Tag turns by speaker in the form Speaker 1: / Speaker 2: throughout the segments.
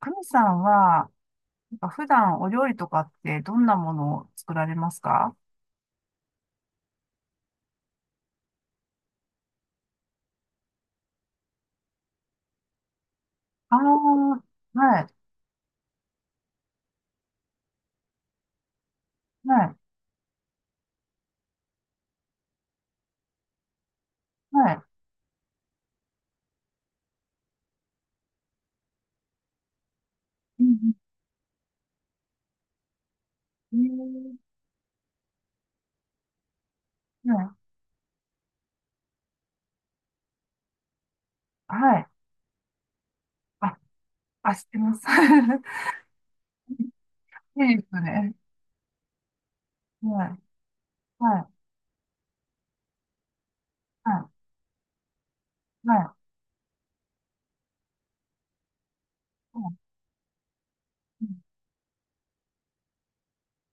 Speaker 1: カミさんは、なんか普段お料理とかってどんなものを作られますか？ああー、はい、はい、はい。うんうんえーはい、はい。あ、あ、知ってます。いいですね。はい、はい、はい、はい、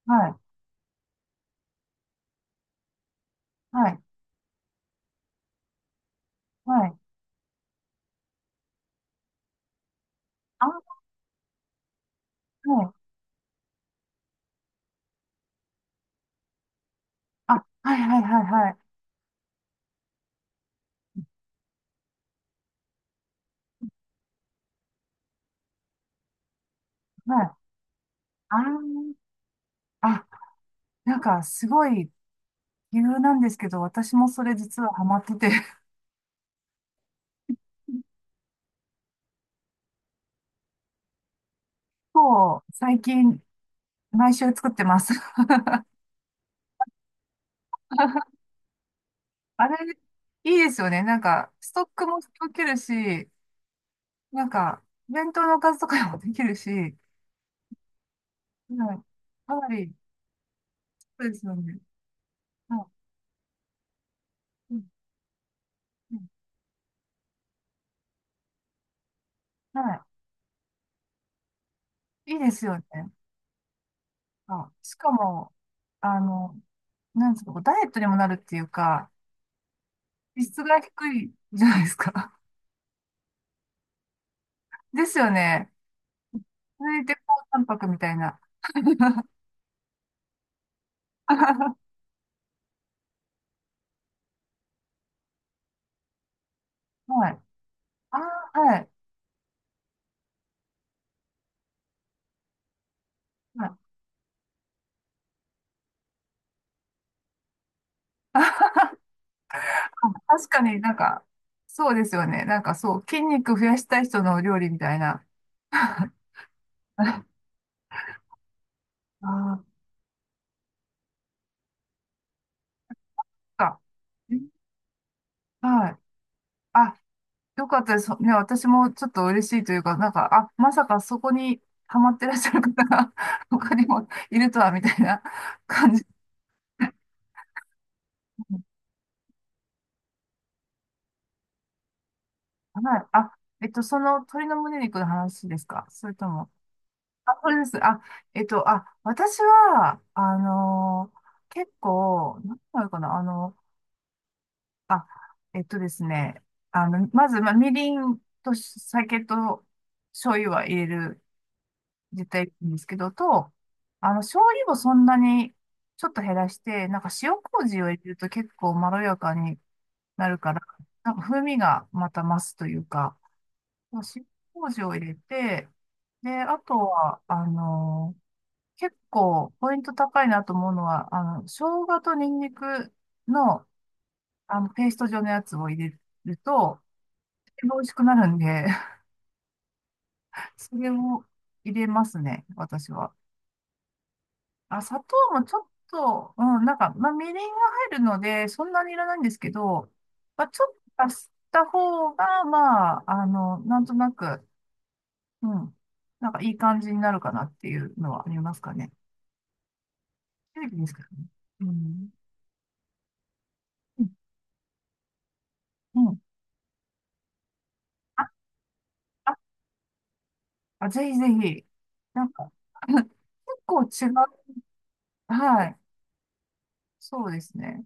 Speaker 1: はい、はい、はい。あ、はい、あ、はい、はい、はい、はい。はい、あー、あ、なんかすごい理由なんですけど、私もそれ実はハマってて、もう最近毎週作ってます。あれ、いいですよね。なんか、ストックも溶けるし、なんか、弁当のおかずとかもできるし、はい。かなり、そうですよね。はい。うんうんはい。いいですよね。あ、しかも、あの、なんですか、こうダイエットにもなるっていうか、脂質が低いじゃないですか。ですよね。そいて高タンパクみたいな。はい。あーはい。はい。あ、確かになんか、そうですよね。なんかそう、筋肉増やしたい人のお料理みたいな。ああ、か。はい。あ、よかったです。ね、私もちょっと嬉しいというか、なんか、あ、まさかそこにハマってらっしゃる方が 他にもいるとは、みたいな 感じ。はい。あ、その鶏の胸肉の話ですか？それとも。あ、それです。あ、あ、私は、結構、何て言うのかな、あ、えっとですね。まず、まあ、みりんと酒と醤油は入れる、絶対いいんですけど、と、醤油をそんなにちょっと減らして、なんか塩麹を入れると結構まろやかになるから、なんか風味がまた増すというか、塩麹を入れて、で、あとは、結構ポイント高いなと思うのは、生姜とニンニクの、ペースト状のやつを入れると、美味しくなるんで、それを入れますね、私は。あ、砂糖もちょっと、うん、なんか、まあ、みりんが入るので、そんなにいらないんですけど、まあ、ちょっと足した方が、まあ、なんとなく、うん、なんかいい感じになるかなっていうのはありますかね。テレビですけどね。うん。うん。うん、あ、あ、あ、ぜひぜひ。なんか 結構違う。はい。そうですね。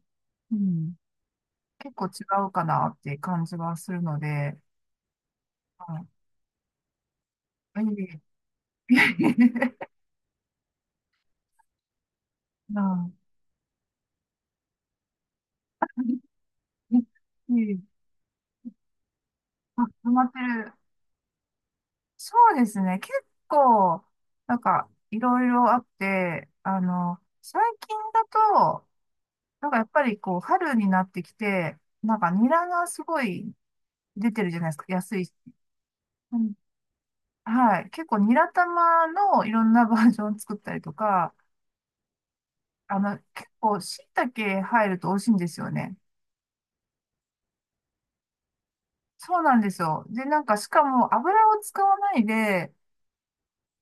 Speaker 1: うん。結構違うかなっていう感じはするので、はい。いえいえいえ、うん。いえいえ、あ、ハマってる。そうですね。結構、なんか、いろいろあって、最近だと、なんかやっぱりこう、春になってきて、なんかニラがすごい出てるじゃないですか。安い。うん、はい。結構ニラ玉のいろんなバージョン作ったりとか、結構椎茸入ると美味しいんですよね。そうなんですよ。で、なんか、しかも油を使わないで、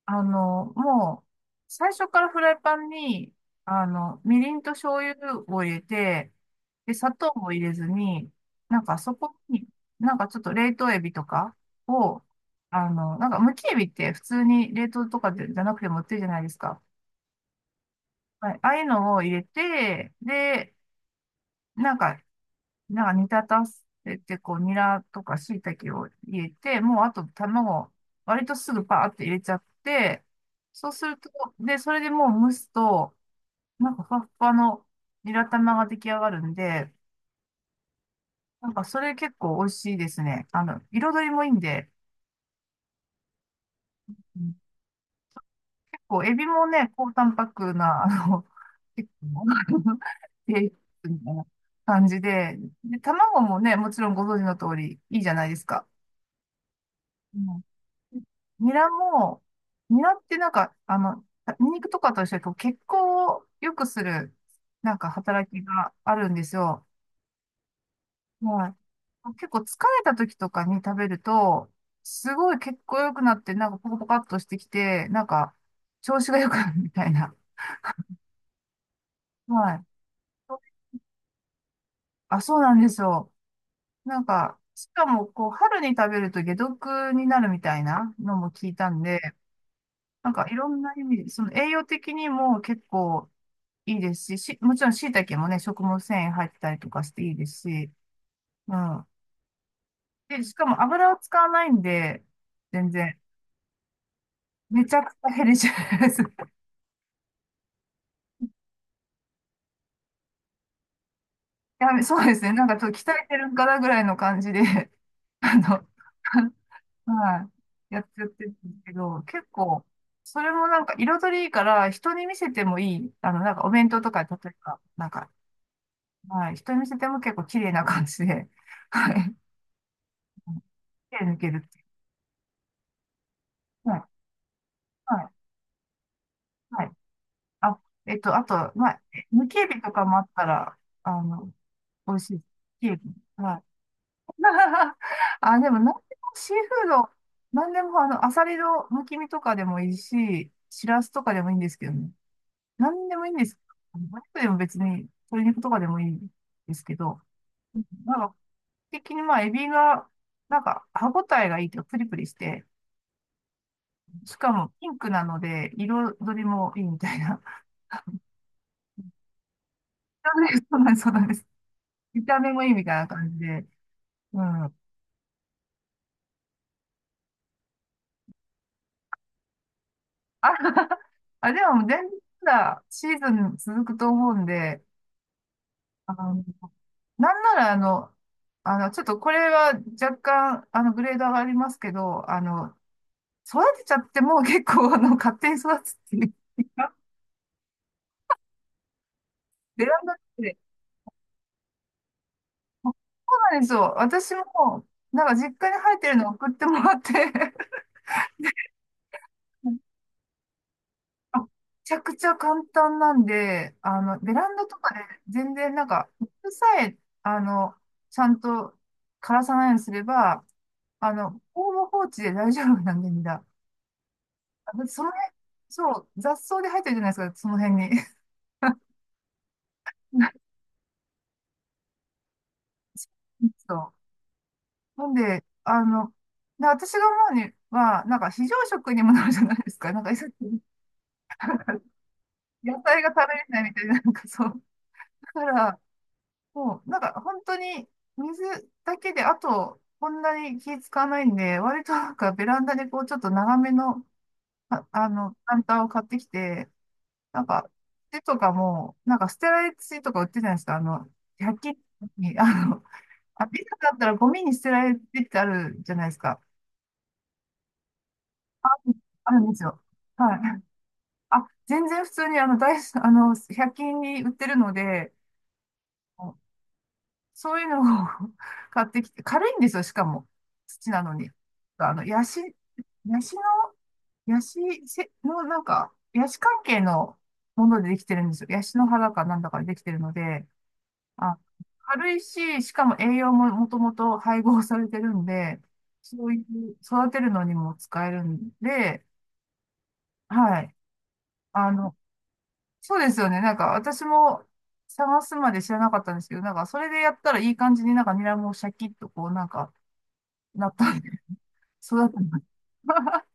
Speaker 1: もう、最初からフライパンに、みりんと醤油を入れて、で、砂糖も入れずに、なんかそこに、なんかちょっと冷凍エビとかを、なんかむきエビって普通に冷凍とかでじゃなくても売ってるじゃないですか。はい。ああいうのを入れて、で、なんかなんか煮立たせて、こう、ニラとか椎茸を入れて、もうあと卵、割とすぐパーって入れちゃって、そうすると、で、それでもう蒸すと、なんかふわっふわのニラ玉が出来上がるんで、なんかそれ結構美味しいですね。彩りもいいんで、うん、結構エビもね、高タンパクな、結構、低脂みたいな感じで、で、卵もね、もちろんご存知の通りいいじゃないですか。うん、ニラも、ニラってなんか、ニンニクとかと一緒にこう血行を良くする、なんか働きがあるんですよ。はい。結構疲れた時とかに食べると、すごい血行良くなって、なんかポカポカっとしてきて、なんか調子が良くなるみたいな。はい。あ、そうなんですよ。なんか、しかも、こう、春に食べると解毒になるみたいなのも聞いたんで、なんかいろんな意味で、その栄養的にも結構いいですし、もちろん椎茸もね、食物繊維入ってたりとかしていいですし、うん。で、しかも油を使わないんで、全然、めちゃくちゃヘルシーです。そうですね。なんかちょっと鍛えてるんかなぐらいの感じで、あの、はい、やっちゃってるんですけど、結構、それもなんか彩りいいから、人に見せてもいい。なんかお弁当とか、例えば、なんか、はい、人に見せても結構綺麗な感じで、はい、手抜けるっていう。はい、はい、はい。あ、あとまあ、無警備とかもあったら、あの、美味しい。警備。はい。あ、でも、なんでもシーフード、なんでも、アサリのむき身とかでもいいし、シラスとかでもいいんですけどね。なんでもいいんです。お肉でも別に、鶏肉とかでもいいですけど、なんか、基本的にまあ、エビが、なんか、歯ごたえがいいというかプリプリして、しかもピンクなので、彩りもいいみたいな。そうなんです、そうなんです。見た目もいいみたいな感じで。うん。あ、あ、でも全然まだシーズン続くと思うんで、あの、なんならちょっとこれは若干、グレード上がりますけど、育てちゃってもう結構、勝手に育つっていうか。ベランダって、そうなんですよ。私も、なんか実家に生えてるのを送ってもらって あ、めちゃくちゃ簡単なんで、ベランダとかで全然なんか、水さえ、あの、ちゃんと枯らさないようにすれば、ほぼ放置で大丈夫なんで、みんな。あ、だってその辺、そう、雑草で生えてるじゃないですか、その辺に。そう。なんで、で私が思うには、なんか非常食にもなるじゃないですか。なんか、野菜が食べれないみたいな、なんかそう。だから、そう、なんか本当に水だけで、あと、こんなに気使わないんで、割となんかベランダでこう、ちょっと長めの、あ、プランターを買ってきて、なんか、土とかも、なんか捨てられ土とか売ってるじゃないですか、100均に、あ、ビザだったらゴミに捨てられてってあるじゃないですか。あるんですよ。はい。あ、全然普通にあの、大、あの、100均に売ってるので、そういうのを 買ってきて、軽いんですよ、しかも。土なのに。ヤシ、ヤシの、ヤシせの、なんか、ヤシ関係のものでできてるんですよ。ヤシの葉だかなんだかでできてるので、あ、軽いし、しかも栄養ももともと配合されてるんで、そういう、育てるのにも使えるんで、はい。あの、そうですよね。なんか、私も探すまで知らなかったんですけど、なんか、それでやったらいい感じになんかニラもシャキッとこう、なんか、なったんで、育てます。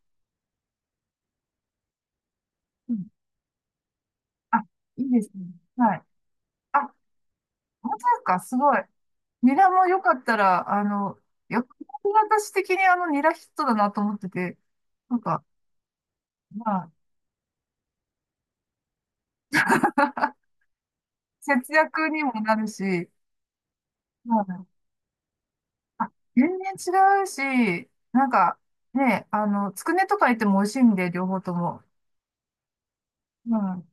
Speaker 1: うん。あ、いいですね。はい。あ、本当ですか？すごい。ニラもよかったら、よく私的にあのニラヒットだなと思ってて、なんか、まあ、節約にもなるし、まあ、あ、全然違うし、なんか、ね、つくねとか入っても美味しいんで、両方とも。うん。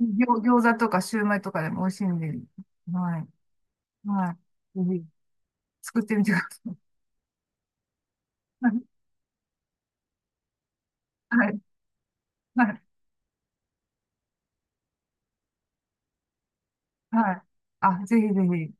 Speaker 1: 餃子とかシューマイとかでも美味しいんで、はい。はい。ぜひ、作ってみてください。はい、はい、はい。あ、ぜひぜひ。